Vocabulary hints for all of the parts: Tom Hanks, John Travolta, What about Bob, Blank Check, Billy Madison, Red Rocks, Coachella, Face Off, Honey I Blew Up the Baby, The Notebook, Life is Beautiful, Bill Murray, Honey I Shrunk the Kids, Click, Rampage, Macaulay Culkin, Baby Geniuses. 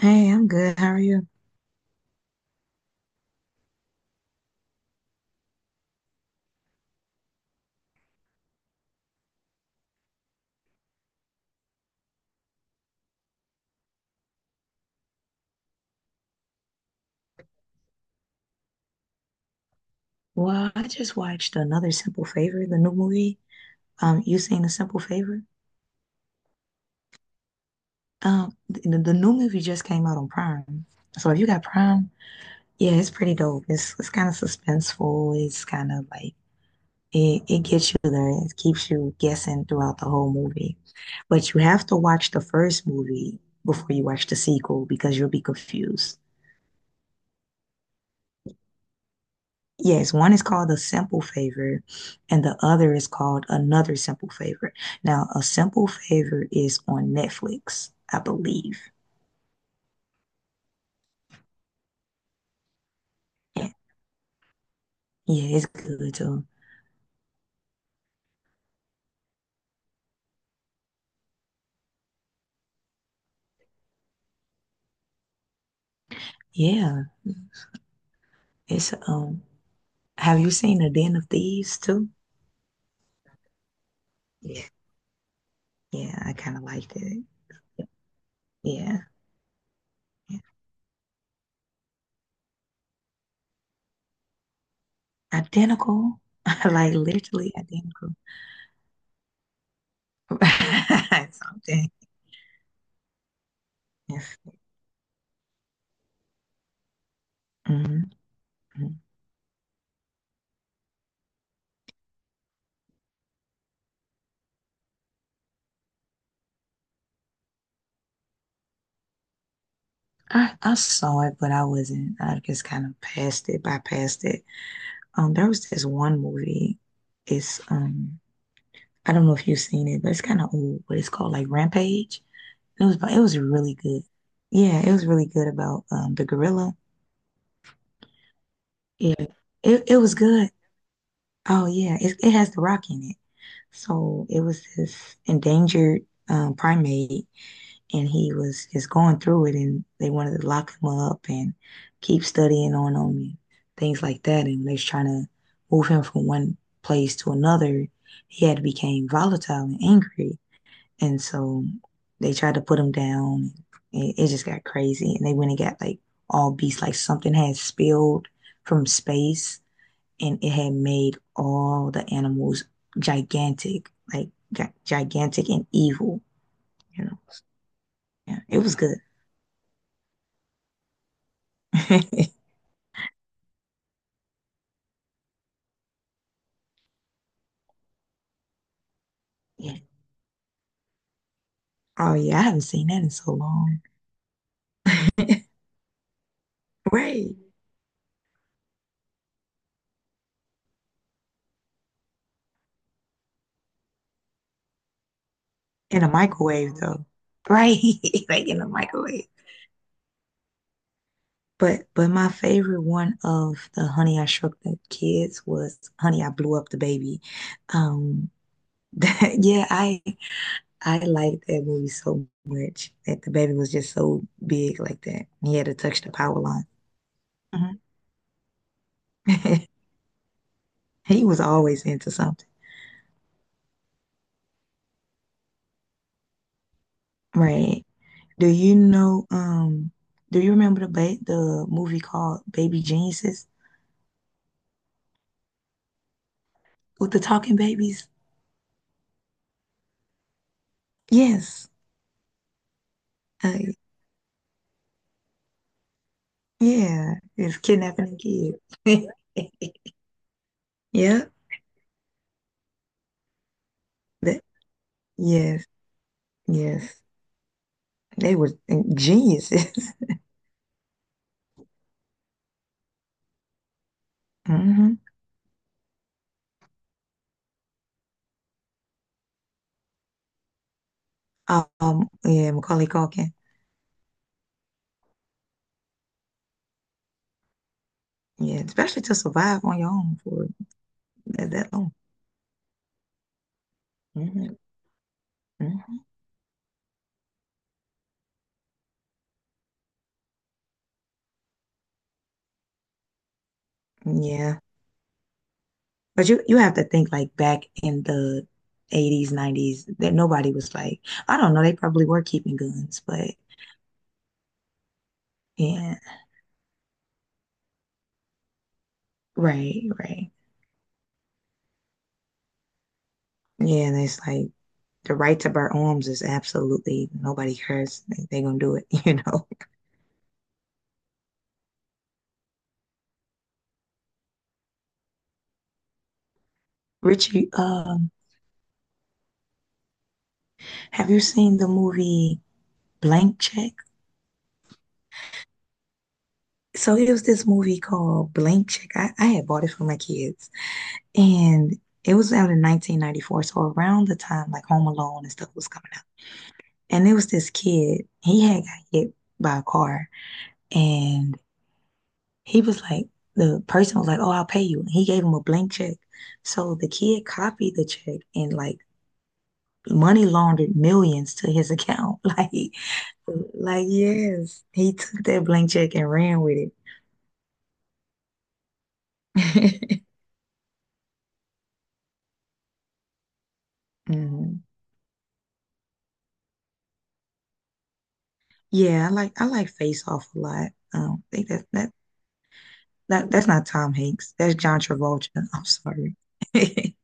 Hey, I'm good. How are you? Well, I just watched another Simple Favor, the new movie. You seen the Simple Favor? The new movie just came out on Prime. So if you got Prime, yeah, it's pretty dope. It's kind of suspenseful. It's kind of like it gets you there. It keeps you guessing throughout the whole movie. But you have to watch the first movie before you watch the sequel because you'll be confused. Yes, one is called a simple favor, and the other is called another simple favor. Now, a simple favor is on Netflix, I believe. Yeah, yeah, it's good too. Yeah, it's. Have you seen The Den of Thieves too? Yeah, yeah, I kind of liked it. Yeah, yeah, identical, like literally identical. Something. Yes. Mhm, mhm. I saw it, but I wasn't. I just kind of bypassed it. There was this one movie. It's I don't know if you've seen it, but it's kind of old. But it's called like Rampage. It was really good. Yeah, it was really good about the gorilla. Yeah, it was good. Oh yeah, it has The Rock in it. So it was this endangered primate, and he was just going through it, and they wanted to lock him up and keep studying on him and things like that. And they was trying to move him from one place to another. He had became volatile and angry, and so they tried to put him down. It just got crazy, and they went and got like all beasts, like something had spilled from space, and it had made all the animals gigantic, like gigantic and evil, you know yeah, it was good. Yeah. Oh yeah, I haven't seen that in so long. Right. In a microwave though. Right. Like in a microwave. But my favorite one of the Honey I Shrunk the Kids was Honey I Blew Up the Baby. Um yeah, I liked that movie so much, that the baby was just so big like that. He had to touch the power line. Mhm. He was always into something. Right. Do you know, do you remember the movie called Baby Geniuses with the talking babies? Yes. Uh, yeah, it's kidnapping a kid. Yeah, that, yes, yes. They were geniuses. hmm yeah, Macaulay Culkin. Yeah, especially to survive on your own for that long. Hmm hmm Yeah. But you have to think like back in the 80s, 90s, that nobody was like, I don't know, they probably were keeping guns, but yeah, right, right. Yeah, and it's like the right to bear arms is absolutely nobody cares. They gonna do it, you know. Richie, have you seen the movie Blank Check? So it was this movie called Blank Check. I had bought it for my kids, and it was out in 1994. So around the time like Home Alone and stuff was coming. And there was this kid, he had got hit by a car. And he was like, the person was like, oh, I'll pay you. And he gave him a blank check. So the kid copied the check and like money laundered millions to his account. Like yes, he took that blank check and ran with it. Mhm. Yeah, I like Face Off a lot. I think that's not Tom Hanks. That's John Travolta. I'm sorry.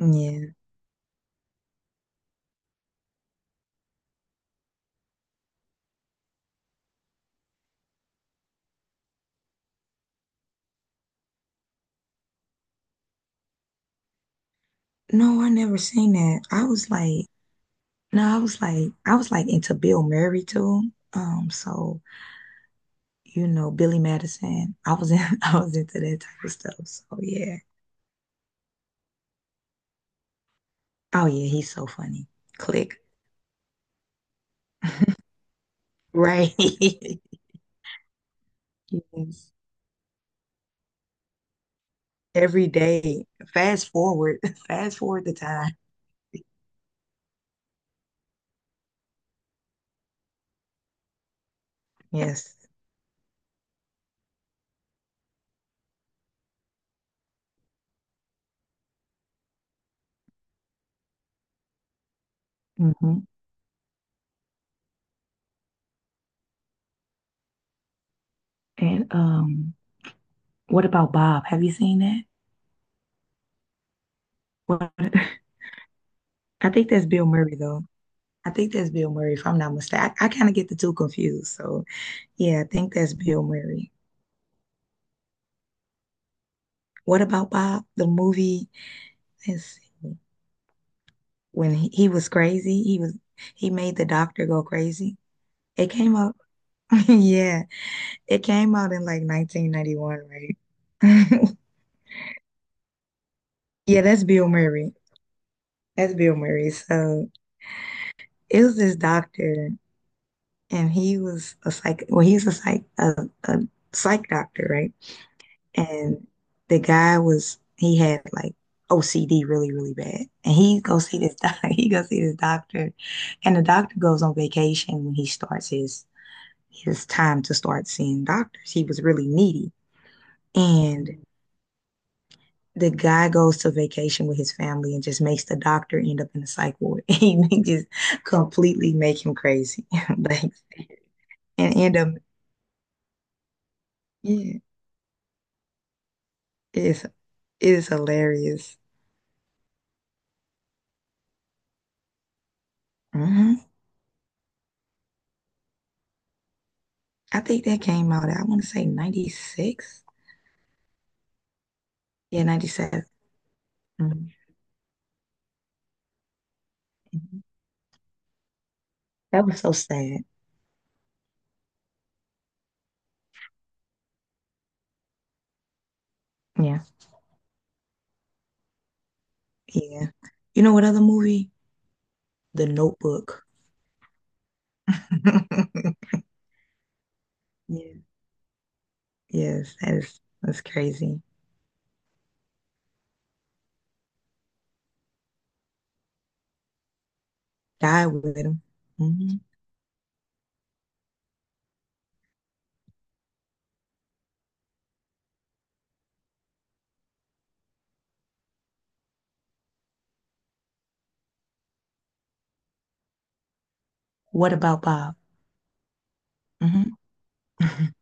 Yeah. No, I never seen that. I was like, no, I was like into Bill Murray too. So you know, Billy Madison. I was into that type of stuff. So yeah. Oh yeah, he's so funny. Click. Right. Yes. Every day. Fast forward. Fast forward the time. Yes. hmm And what about Bob? Have you seen that? What? I think that's Bill Murray though. I think that's Bill Murray, if I'm not mistaken. I kind of get the two confused. So yeah, I think that's Bill Murray. What about Bob? The movie, let's see, when he was crazy, he made the doctor go crazy. It came out, yeah, it came out in like 1991, right? Yeah, that's Bill Murray. That's Bill Murray. So it was this doctor, and he was a psych. Well, he's a psych doctor, right? And the guy was, he had like OCD really, really bad. And he go see this doc, he go see this doctor. And the doctor goes on vacation when he starts his time to start seeing doctors. He was really needy. And the guy goes to vacation with his family and just makes the doctor end up in the psych ward. He just completely make him crazy. like and end up yeah, it's it's hilarious. Mhm. I think that came out, I want to say 96. Yeah, 97. Mhm. Mhm. That was so sad. Yeah. Yeah. You know what other movie? The Notebook. Yeah. That's crazy. Died with him. Mhm. What about Bob? Hmm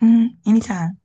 hmm Anytime.